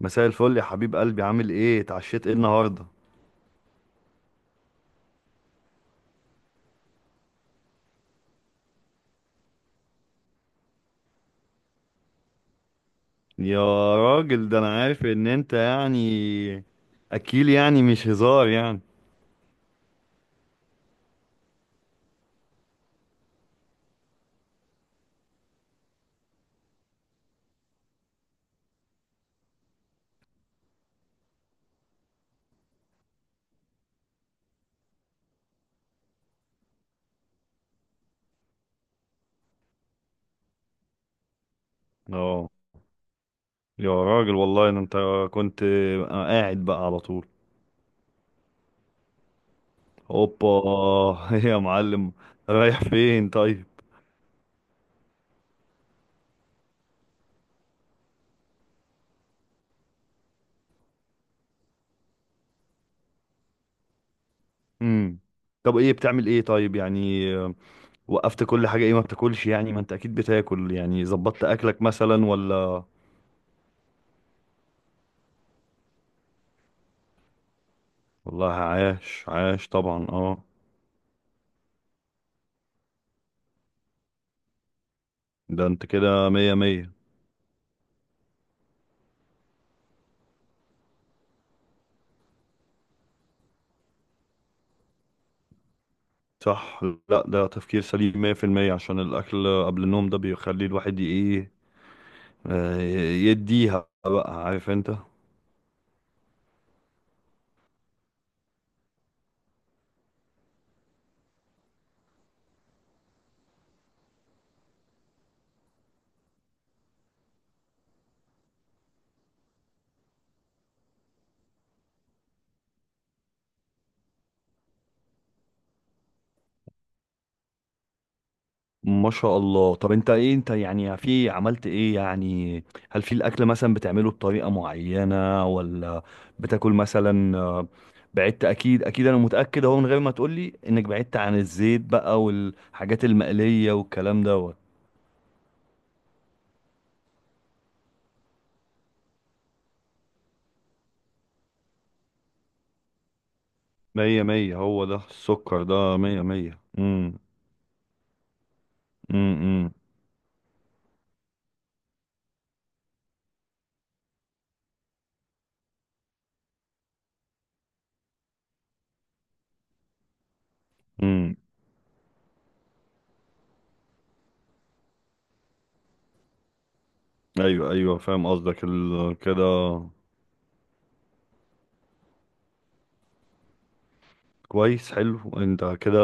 مساء الفل يا حبيب قلبي، عامل ايه؟ اتعشيت ايه النهارده؟ يا راجل ده انا عارف ان انت اكيل، يعني مش هزار يعني. اه يا راجل، والله ده انت كنت قاعد بقى على طول. اوبا! يا معلم، رايح فين طيب؟ امم طب ايه بتعمل ايه طيب، يعني وقفت كل حاجه ايه؟ ما بتاكلش يعني؟ ما انت اكيد بتاكل، يعني ظبطت اكلك مثلا ولا؟ والله عاش عاش طبعا اه. ده انت كده مية مية. صح. لا ده تفكير سليم 100% عشان الأكل قبل النوم ده بيخلي الواحد إيه، آه، يديها بقى، عارف أنت. ما شاء الله. طب أنت إيه أنت يعني، في عملت إيه يعني؟ هل في الأكل مثلا بتعمله بطريقة معينة، ولا بتاكل مثلا بعدت؟ أكيد أكيد أنا متأكد أهو من غير ما تقولي إنك بعدت عن الزيت بقى والحاجات المقلية والكلام دوت. مية مية، هو ده السكر، ده مية مية. امم. امم. ايوه ايوه فاهم قصدك، كده. كويس، حلو انت كده،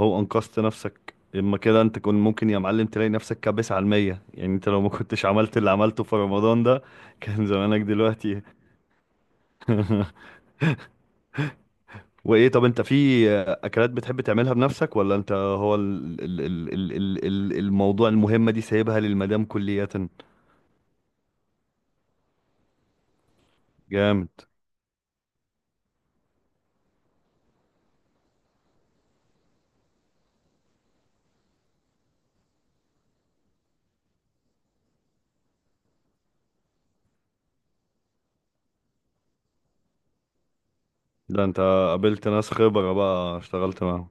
هو انقذت نفسك اما كده. انت كنت ممكن يا معلم تلاقي نفسك كابس على المية يعني. انت لو ما كنتش عملت اللي عملته في رمضان ده كان زمانك دلوقتي. وايه طب انت في اكلات بتحب تعملها بنفسك، ولا انت هو الموضوع المهمة دي سايبها للمدام كلية؟ جامد. ده انت قابلت ناس خبرة بقى، اشتغلت معاهم.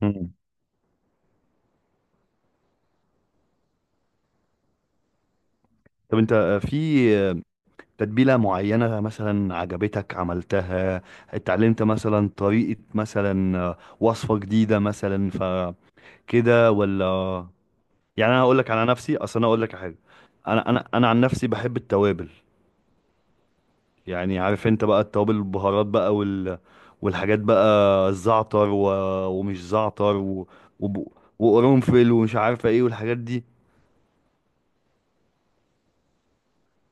مم. طب انت في تتبيلة معينة مثلا عجبتك عملتها؟ اتعلمت مثلا طريقة، مثلا وصفة جديدة مثلا فكده، ولا؟ يعني انا هقول لك على نفسي، اصل انا اقول لك على حاجة. انا عن نفسي بحب التوابل. يعني عارف انت بقى التوابل، البهارات بقى، والحاجات بقى، الزعتر و... ومش زعتر و... وب... وقرنفل ومش عارفة ايه والحاجات دي.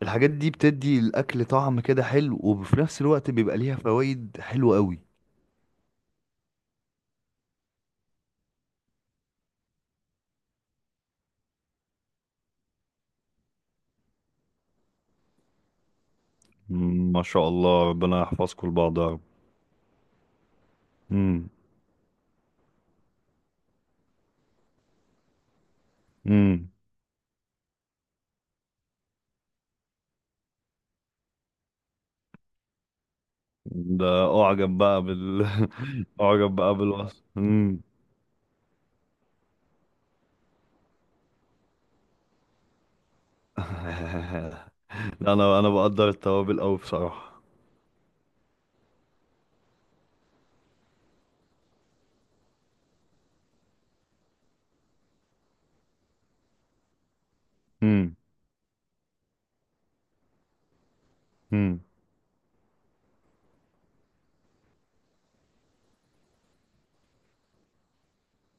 الحاجات دي بتدي الاكل طعم كده حلو، وفي نفس الوقت بيبقى ليها فوائد حلوة قوي. مم، ما شاء الله، ربنا يحفظكم لبعض يا رب. مم. مم. ده اعجب بقى اعجب بقى بالوصف. مم. لا انا انا بقدر التوابل قوي بصراحة. مم. مم.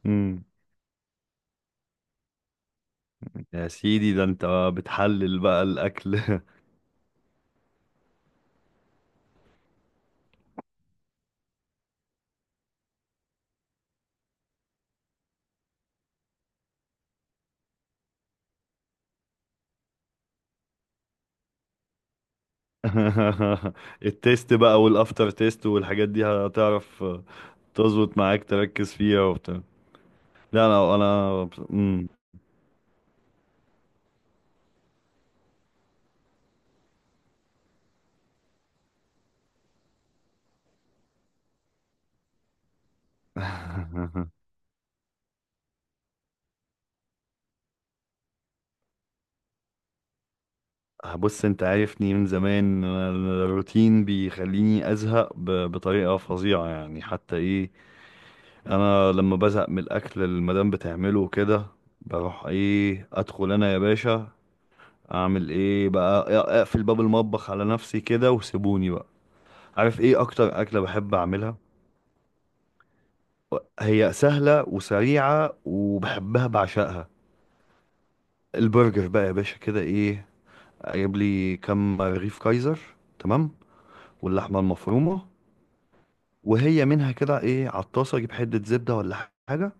مم. يا سيدي، ده انت بتحلل بقى الاكل. التيست بقى والافتر تيست والحاجات دي هتعرف تظبط معاك، تركز فيها وبتاع. لا انا مم. بص انت عارفني من زمان انا، الروتين بيخليني ازهق بطريقة فظيعة يعني. حتى ايه، انا لما بزهق من الاكل اللي المدام بتعمله كده، بروح ايه، ادخل انا يا باشا اعمل ايه بقى، اقفل باب المطبخ على نفسي كده وسيبوني بقى. عارف ايه اكتر اكلة بحب اعملها؟ هي سهلة وسريعة وبحبها بعشقها، البرجر بقى يا باشا. كده ايه، اجيب لي كم رغيف كايزر، تمام، واللحمة المفرومة، وهي منها كده ايه على الطاسه، اجيب حته زبده ولا حاجه،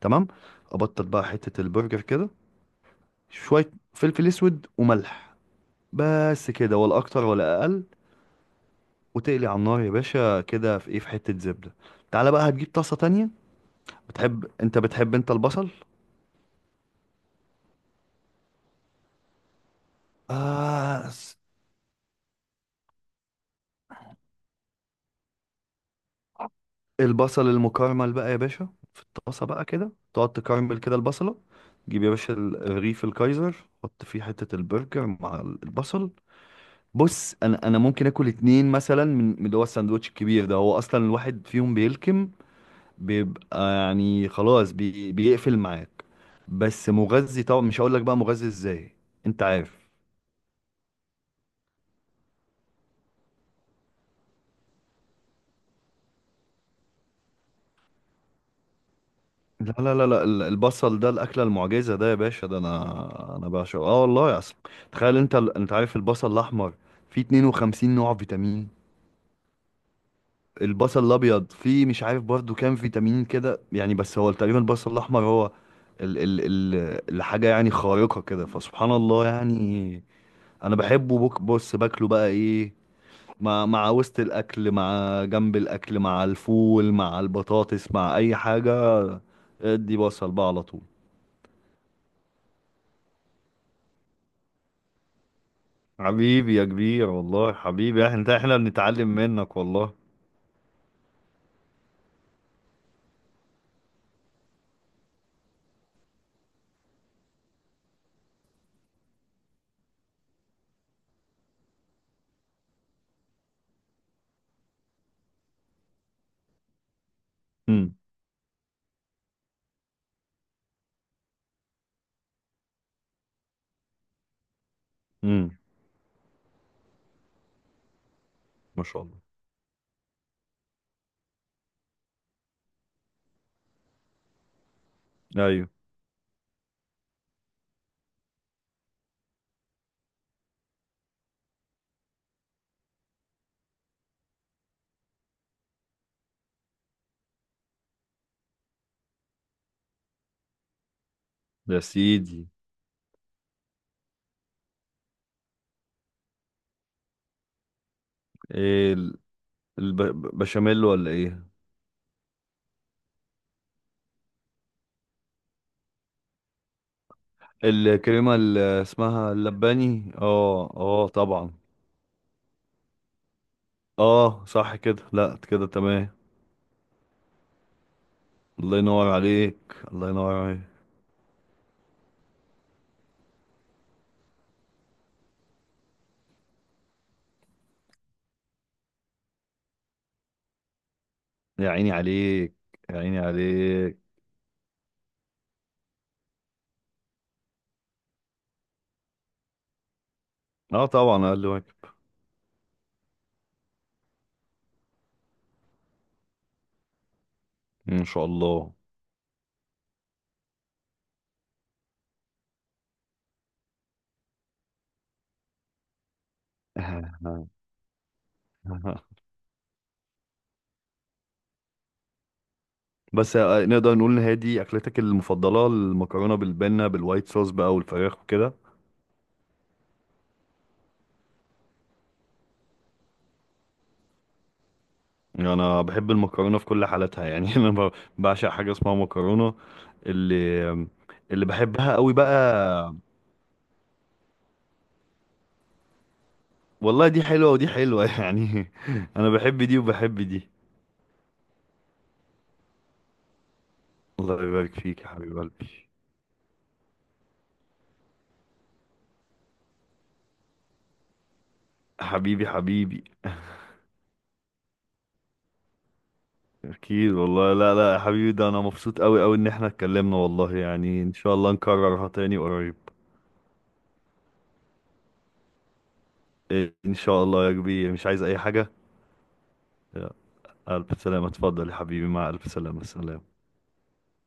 تمام. ابطل بقى حته البرجر كده، شويه فلفل اسود وملح، بس كده ولا اكتر ولا اقل. وتقلي على النار يا باشا كده، في ايه، في حته زبده. تعالى بقى هتجيب طاسه تانية. بتحب انت، بتحب انت البصل؟ آه س- البصل المكرمل بقى يا باشا، في الطاسه بقى كده تقعد تكرمل كده البصله، تجيب يا باشا الرغيف الكايزر، حط فيه حته البرجر مع البصل. بص انا ممكن اكل اتنين مثلا من اللي هو الساندوتش الكبير ده. هو اصلا الواحد فيهم بيلكم، بيبقى يعني خلاص، بيقفل معاك. بس مغذي طبعا، مش هقول لك بقى مغذي ازاي، انت عارف. لا البصل ده الاكله المعجزه ده يا باشا، ده انا انا بعشقه، اه والله اصلا. تخيل انت انت عارف البصل الاحمر فيه 52 نوع فيتامين. البصل الابيض فيه مش عارف برضو كام فيتامين كده يعني، بس هو تقريبا البصل الاحمر هو ال ال ال الحاجه يعني خارقه كده، فسبحان الله يعني. انا بحبه، بص باكله بقى ايه، مع وسط الاكل، مع جنب الاكل، مع الفول، مع البطاطس، مع اي حاجه. ادي بصل بقى على طول. حبيبي يا كبير والله، حبيبي، احنا انت احنا بنتعلم منك والله. امم. امم. ما شاء الله. ايوه. يا سيدي. إيه البشاميل ولا ايه؟ الكريمة اللي اسمها اللباني، اه اه طبعا. اه صح كده، لا كده تمام. الله ينور عليك. الله ينور عليك. يا عيني عليك. يا عيني عليك. اه طبعا، اقل واجب. ان شاء الله. بس نقدر نقول ان هي دي اكلتك المفضلة، المكرونة بالبنة بالوايت صوص بقى والفراخ وكده؟ انا بحب المكرونه في كل حالاتها يعني. بعشق حاجه اسمها مكرونه، اللي اللي بحبها قوي بقى. والله دي حلوه ودي حلوه، يعني انا بحب دي وبحب دي. الله يبارك فيك يا حبيب قلبي. حبيبي حبيبي. اكيد والله، لا لا يا حبيبي، ده انا مبسوط قوي قوي ان احنا اتكلمنا والله يعني، ان شاء الله نكررها تاني قريب. إيه، ان شاء الله يا كبير، مش عايز اي حاجه. الف سلامه، اتفضل يا حبيبي، مع الف سلامه، سلام.